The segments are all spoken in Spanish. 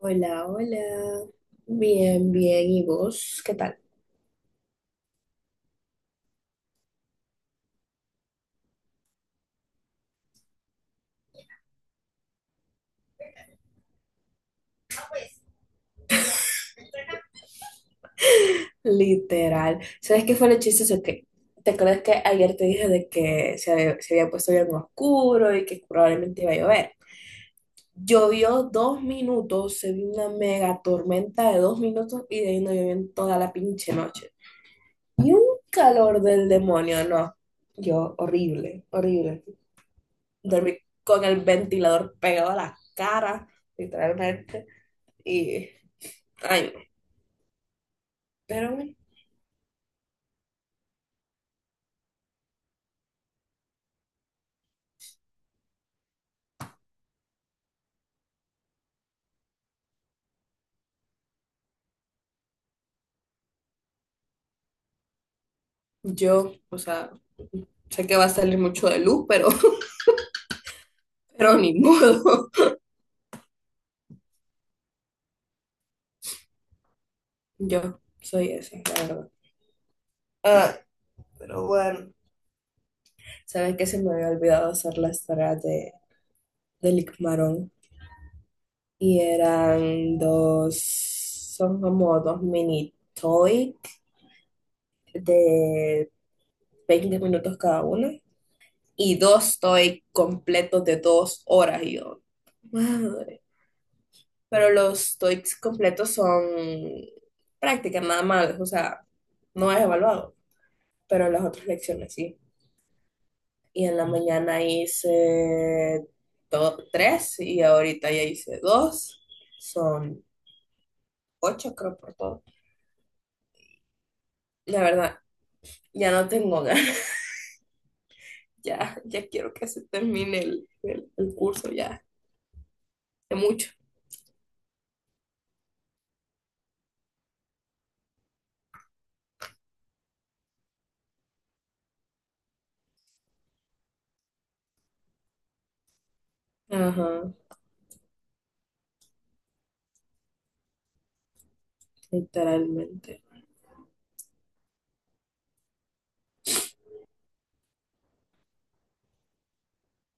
Hola, hola. Bien, bien. ¿Y vos? ¿Qué tal? Literal. ¿Sabes qué fue lo chistoso? Que, ¿te acuerdas que ayer te dije de que se había puesto bien oscuro y que probablemente iba a llover? Llovió 2 minutos, se vio una mega tormenta de 2 minutos y de ahí no llovió en toda la pinche noche. Y un calor del demonio, no. Yo, horrible, horrible. Dormí con el ventilador pegado a la cara, literalmente. Y, ay, pero yo, o sea, sé que va a salir mucho de luz, pero, pero ni modo. Yo soy esa, la verdad. Ah, pero bueno. ¿Sabes que se me había olvidado hacer las tareas de, del Icmarón? Y eran dos, son como dos mini toy de 20 minutos cada una. Y dos toy completos de 2 horas. Y yo, madre. Pero los TOEICs completos son prácticas nada más, o sea, no es evaluado, pero las otras lecciones sí. Y en la mañana hice tres y ahorita ya hice dos, son ocho creo por todo. La verdad, ya no tengo ganas, ya quiero que se termine el curso ya, de mucho. Ajá, literalmente.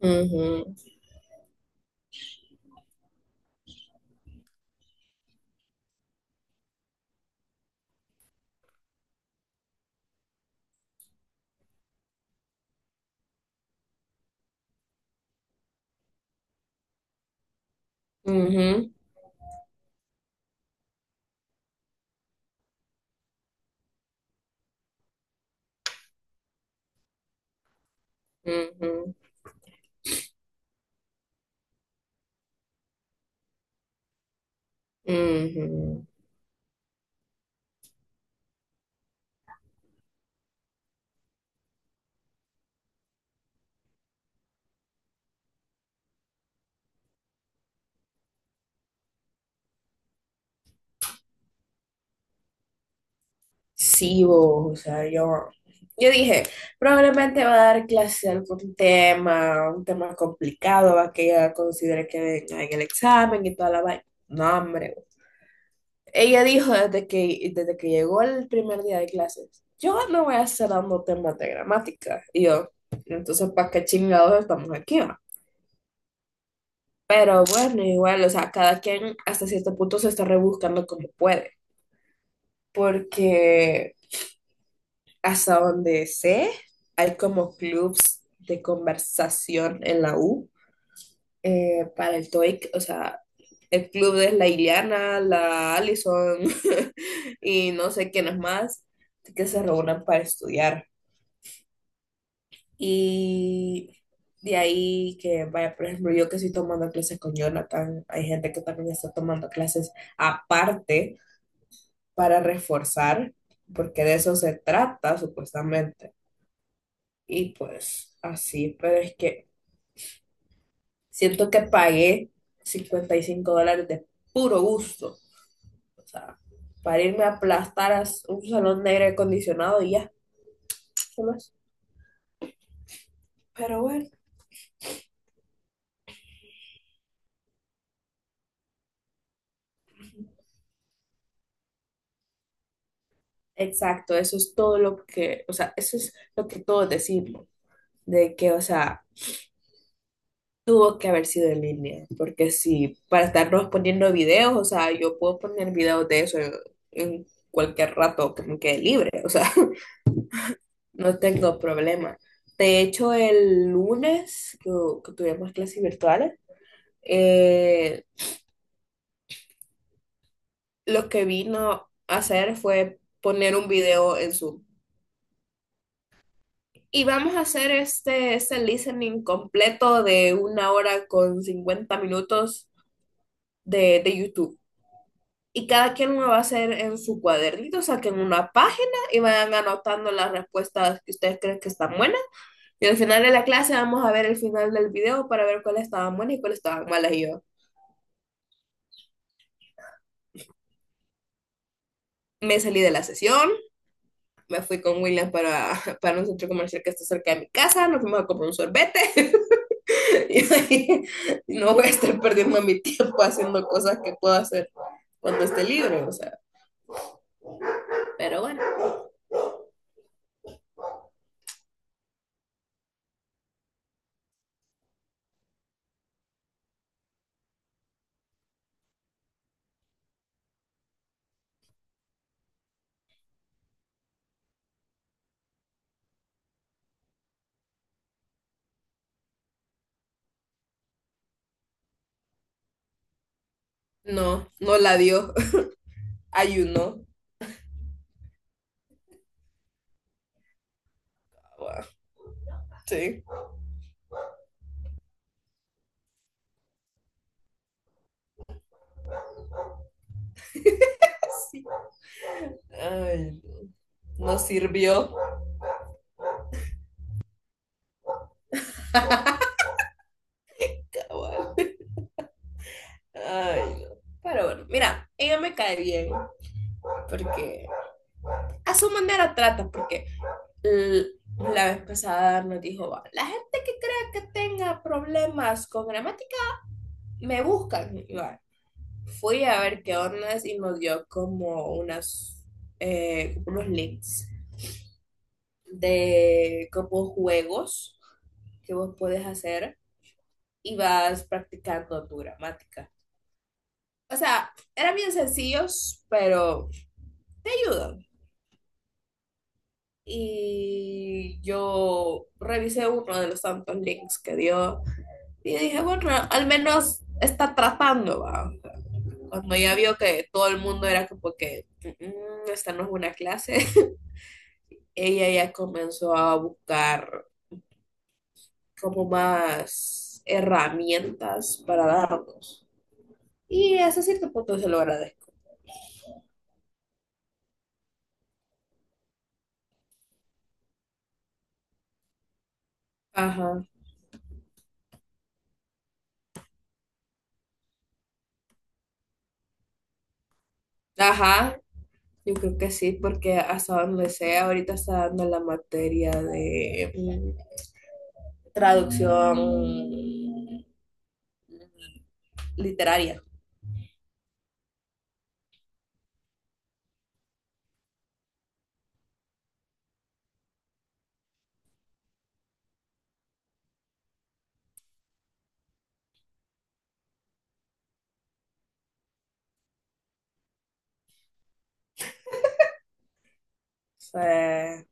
Ujú, ujú, ujú, ujú. Sí, vos, o sea, yo dije, probablemente va a dar clase de algún tema, un tema complicado, va que ella considere que en el examen y toda la vaina. No, hombre. Ella dijo desde que llegó el primer día de clases, yo no voy a estar dando temas de gramática. Y yo, entonces, ¿para qué chingados estamos aquí, va? Pero bueno, igual, o sea, cada quien hasta cierto punto se está rebuscando como puede, porque... Hasta donde sé, hay como clubs de conversación en la U, para el TOEIC, o sea, el club es la Iliana, la Allison, y no sé quién es más, que se reúnen para estudiar. Y de ahí que, vaya, por ejemplo, yo que estoy tomando clases con Jonathan, hay gente que también está tomando clases aparte para reforzar, porque de eso se trata supuestamente. Y pues así, pero es que siento que pagué $55 de puro gusto. O sea, para irme a aplastar a un salón negro acondicionado y ya, ¿qué más? Pero bueno, exacto, eso es todo lo que, o sea, eso es lo que todos decimos, de que, o sea, tuvo que haber sido en línea, porque si para estarnos poniendo videos, o sea, yo puedo poner videos de eso en cualquier rato que me quede libre, o sea. No tengo problema. De hecho, el lunes que tuvimos clases virtuales, eh, lo que vino a hacer fue poner un video en Zoom. Y vamos a hacer este listening completo de una hora con 50 minutos de YouTube. Y cada quien lo va a hacer en su cuadernito, saquen una página y vayan anotando las respuestas que ustedes creen que están buenas. Y al final de la clase vamos a ver el final del video para ver cuáles estaban buenas y cuáles estaban malas. Y yo, me salí de la sesión, me fui con William para, para un centro comercial que está cerca de mi casa, nos fuimos a comprar un sorbete y ahí no voy a estar perdiendo mi tiempo haciendo cosas que puedo hacer cuando esté libre, o sea, pero bueno, no, no la dio, ayunó, sí, sí, ay, no, no sirvió, ay, no. Pero bueno, mira, ella me cae bien porque a su manera trata, porque L- La vez pasada nos dijo, va, la gente que crea que tenga problemas con gramática, me buscan. Y va, fui a ver qué ondas y nos dio como unas, unos links de como juegos que vos puedes hacer y vas practicando tu gramática. O sea, eran bien sencillos, pero te ayudan. Y yo revisé uno de los tantos links que dio. Y dije, bueno, al menos está tratando, ¿va? Cuando ya vio que todo el mundo era como que, "Mm, esta no es una clase", ella ya comenzó a buscar como más herramientas para darnos. Y hasta cierto punto se lo agradezco. Ajá, ajá, yo creo que sí, porque hasta donde sea, ahorita está dando la materia de traducción literaria. O sea,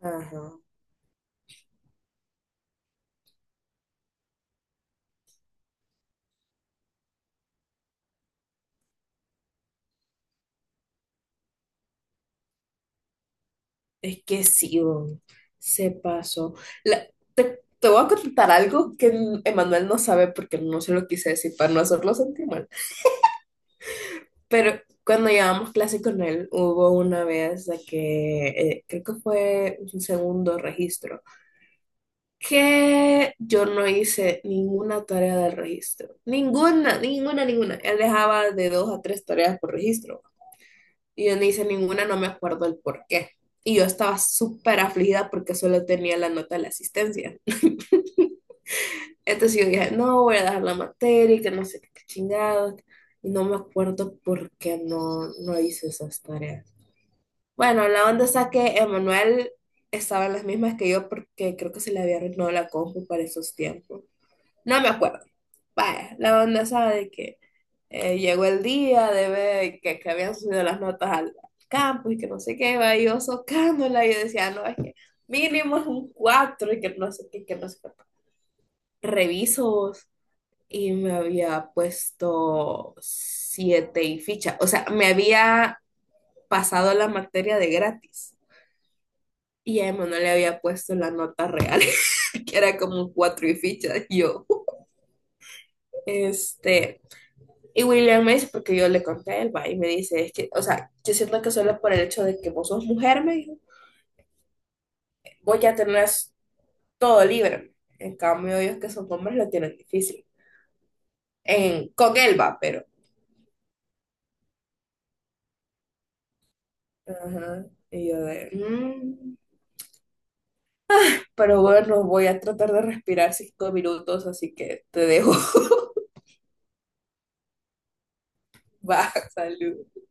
ajá. Es que sí, weón, se pasó. La- te voy a contar algo que Emanuel no sabe porque no se lo quise decir para no hacerlo sentir mal. Pero cuando llevábamos clase con él, hubo una vez de que, creo que fue un segundo registro, que yo no hice ninguna tarea del registro. Ninguna, ninguna, ninguna. Él dejaba de dos a tres tareas por registro. Y yo no hice ninguna, no me acuerdo el por qué. Y yo estaba súper afligida porque solo tenía la nota de la asistencia. Entonces yo dije, no, voy a dejar la materia y que no sé qué chingados. Y no me acuerdo por qué no, no hice esas tareas. Bueno, la onda está que Emanuel estaba en las mismas que yo porque creo que se le había arruinado la compu para esos tiempos. No me acuerdo. Vaya, la onda sabe de que llegó el día de ver que habían subido las notas al campo y que no sé qué, va, y yo socándola, y yo decía, no, es que mínimo es un 4 y que no sé qué, que no sé qué. Revisos y me había puesto siete y ficha. O sea, me había pasado la materia de gratis y a Emma no le había puesto la nota real, que era como cuatro y ficha. Y yo, este. Y William me dice, porque yo le conté a Elba y me dice, es que, o sea, yo siento que solo por el hecho de que vos sos mujer, me dijo, vos ya tenés todo libre. En cambio, ellos que son hombres lo tienen difícil. En, con él pero. Ajá. Y yo de, "Mm". Pero bueno, voy a tratar de respirar 5 minutos, así que te dejo. Va, salud.